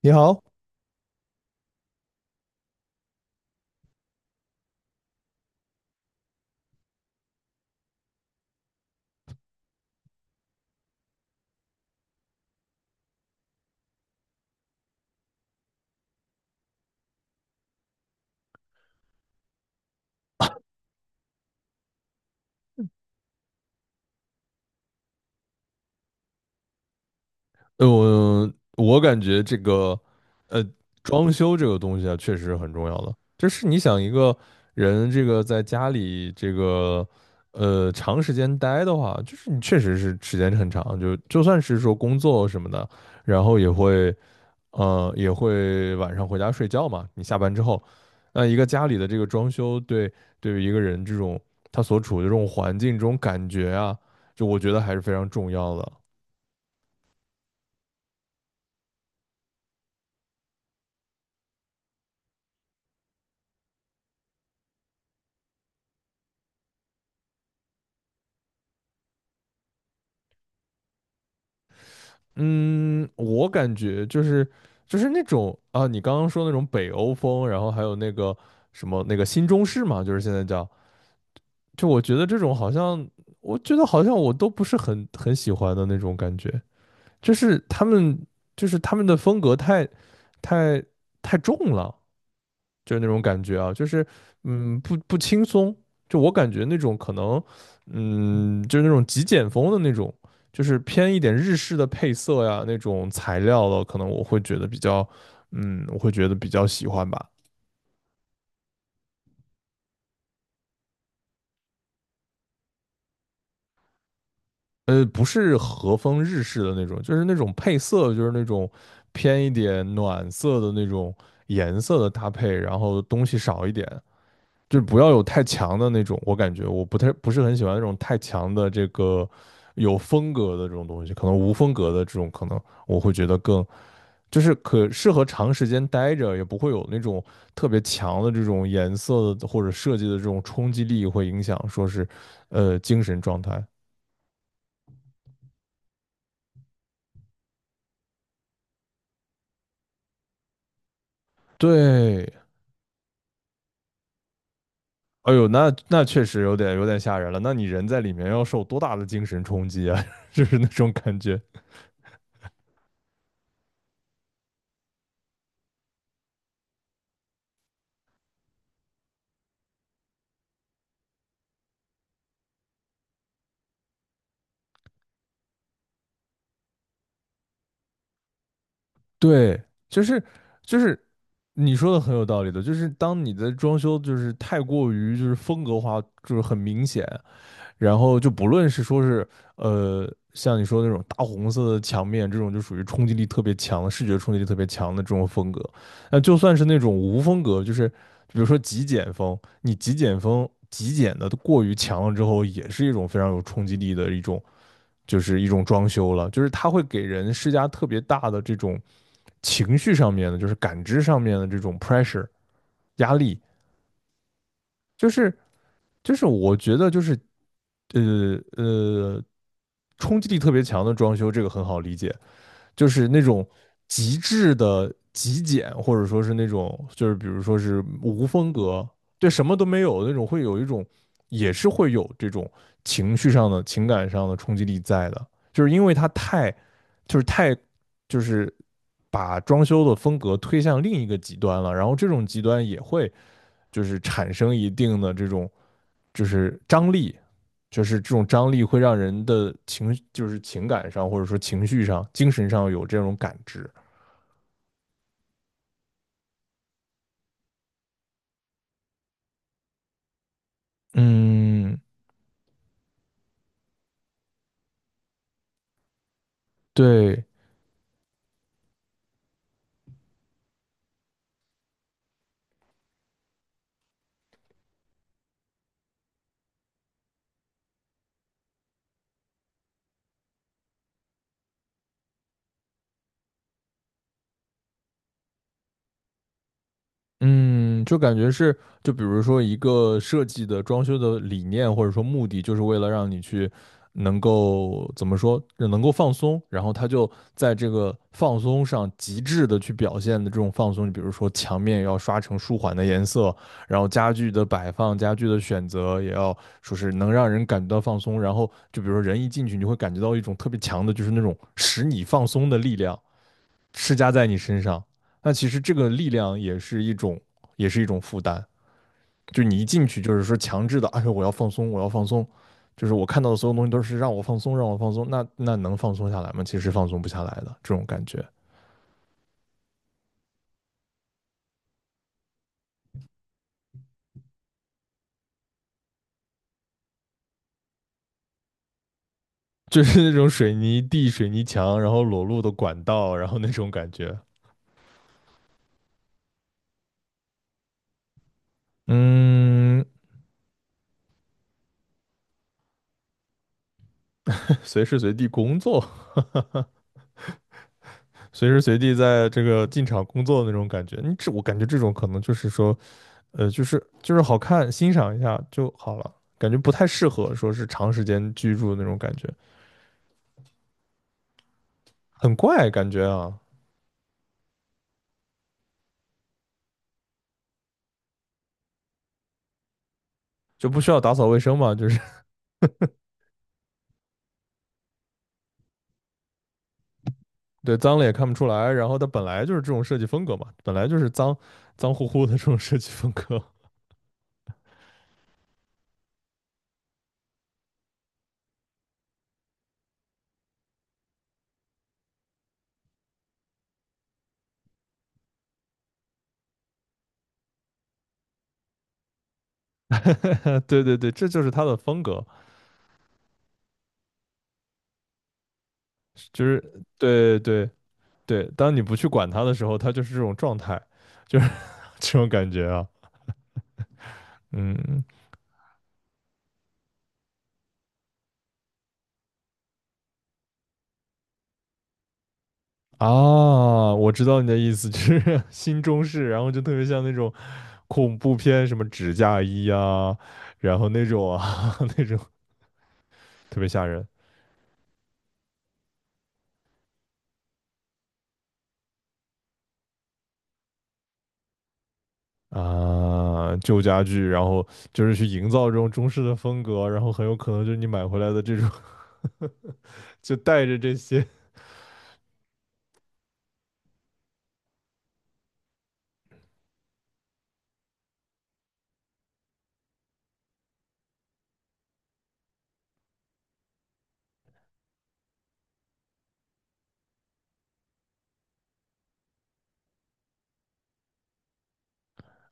你好。嗯，我感觉这个，呃，装修这个东西啊，确实很重要的。就是你想一个人这个在家里这个，长时间待的话，就是你确实是时间很长，就算是说工作什么的，然后也会，也会晚上回家睡觉嘛。你下班之后，那一个家里的这个装修对于一个人这种他所处的这种环境、这种感觉啊，就我觉得还是非常重要的。嗯，我感觉就是那种啊，你刚刚说那种北欧风，然后还有那个什么那个新中式嘛，就是现在叫，就我觉得这种好像，我觉得好像我都不是很喜欢的那种感觉，就是他们就是他们的风格太太重了，就是那种感觉啊，就是不轻松，就我感觉那种可能，嗯，就是那种极简风的那种，就是偏一点日式的配色呀那种材料的，可能我会觉得比较，嗯，我会觉得比较喜欢吧。呃，不是和风日式的那种，就是那种配色，就是那种偏一点暖色的那种颜色的搭配，然后东西少一点，就是不要有太强的那种，我感觉我不是很喜欢那种太强的这个有风格的这种东西，可能无风格的这种，可能我会觉得更就是可适合长时间待着，也不会有那种特别强的这种颜色的或者设计的这种冲击力，会影响说是精神状态。对，哎呦，那确实有点吓人了。那你人在里面要受多大的精神冲击啊？就是那种感觉。对，就是就是你说的很有道理的，就是当你的装修就是太过于就是风格化，就是很明显，然后就不论是说是像你说的那种大红色的墙面，这种就属于冲击力特别强的视觉冲击力特别强的这种风格，那就算是那种无风格，就是比如说极简风，你极简风极简的过于强了之后，也是一种非常有冲击力的一种。就是一种装修了，就是它会给人施加特别大的这种情绪上面的，就是感知上面的这种 pressure 压力。就是就是我觉得就是，呃呃冲击力特别强的装修，这个很好理解，就是那种极致的极简，或者说是那种就是比如说是无风格，对什么都没有那种，会有一种也是会有这种情绪上的、情感上的冲击力在的，就是因为它太就是太就是把装修的风格推向另一个极端了，然后这种极端也会就是产生一定的这种就是张力，就是这种张力会让人的情，就是情感上或者说情绪上、精神上有这种感知。嗯，对，嗯，就感觉是，就比如说一个设计的装修的理念或者说目的，就是为了让你去能够怎么说，能够放松，然后他就在这个放松上极致的去表现的这种放松，你比如说墙面要刷成舒缓的颜色，然后家具的摆放、家具的选择也要说是能让人感觉到放松，然后就比如说人一进去，你会感觉到一种特别强的，就是那种使你放松的力量。施加在你身上。那其实这个力量也是一种，也是一种负担。就你一进去，就是说强制的，哎呦，我要放松，我要放松，就是我看到的所有东西都是让我放松，让我放松。那那能放松下来吗？其实放松不下来的这种感觉。就是那种水泥地、水泥墙，然后裸露的管道，然后那种感觉。嗯，随时随地工作，哈哈哈，随时随地在这个进厂工作的那种感觉。你这我感觉这种可能就是说，就是好看，欣赏一下就好了，感觉不太适合说是长时间居住那种感觉，很怪感觉啊，就不需要打扫卫生嘛，就是 对，脏了也看不出来，然后它本来就是这种设计风格嘛，本来就是脏乎乎的这种设计风格，啊，对对对，这就是它的风格，就是对对对，当你不去管它的时候，它就是这种状态，就是 这种感觉啊，嗯。啊，我知道你的意思，就是 新中式，然后就特别像那种恐怖片，什么纸嫁衣啊，然后那种啊 那种特别吓人啊，旧家具，然后就是去营造这种中式的风格，然后很有可能就是你买回来的这种 就带着这些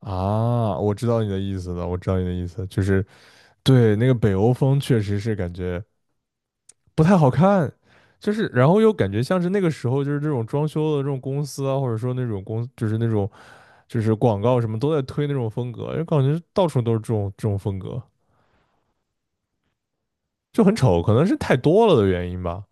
啊，我知道你的意思了，我知道你的意思，就是对那个北欧风确实是感觉不太好看。就是，然后又感觉像是那个时候，就是这种装修的这种公司啊，或者说那种公，就是那种就是广告什么都在推那种风格，就感觉到处都是这种风格，就很丑，可能是太多了的原因吧。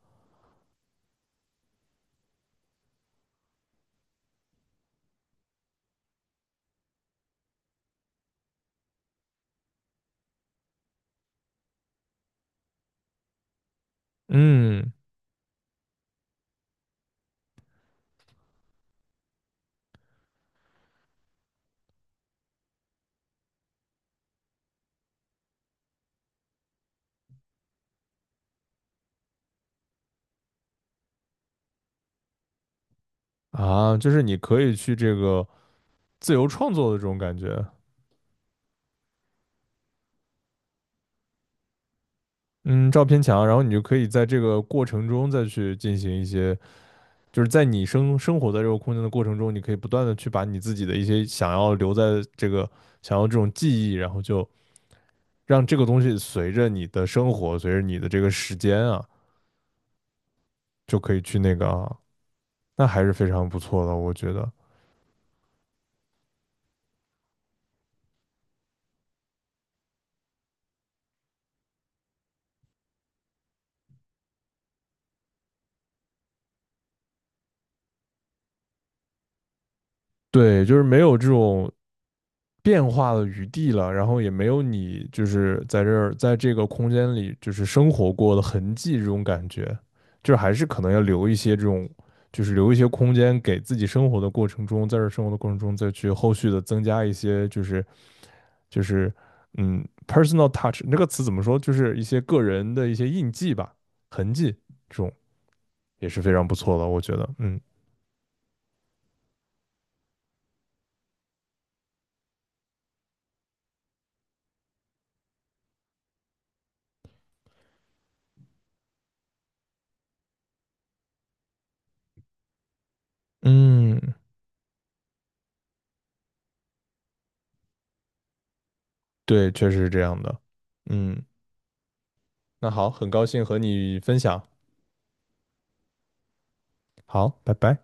嗯，啊，就是你可以去这个自由创作的这种感觉，嗯，照片墙，然后你就可以在这个过程中再去进行一些，就是在你生活在这个空间的过程中，你可以不断的去把你自己的一些想要留在这个想要这种记忆，然后就让这个东西随着你的生活，随着你的这个时间啊，就可以去那个啊，那还是非常不错的，我觉得。对，就是没有这种变化的余地了，然后也没有你就是在这个空间里就是生活过的痕迹这种感觉，就是还是可能要留一些这种，就是留一些空间给自己生活的过程中，在这生活的过程中再去后续的增加一些，就是，就是，嗯，personal touch 这个词怎么说，就是一些个人的一些印记吧，痕迹，这种也是非常不错的，我觉得，嗯。嗯，对，确实是这样的。嗯，那好，很高兴和你分享。好，拜拜。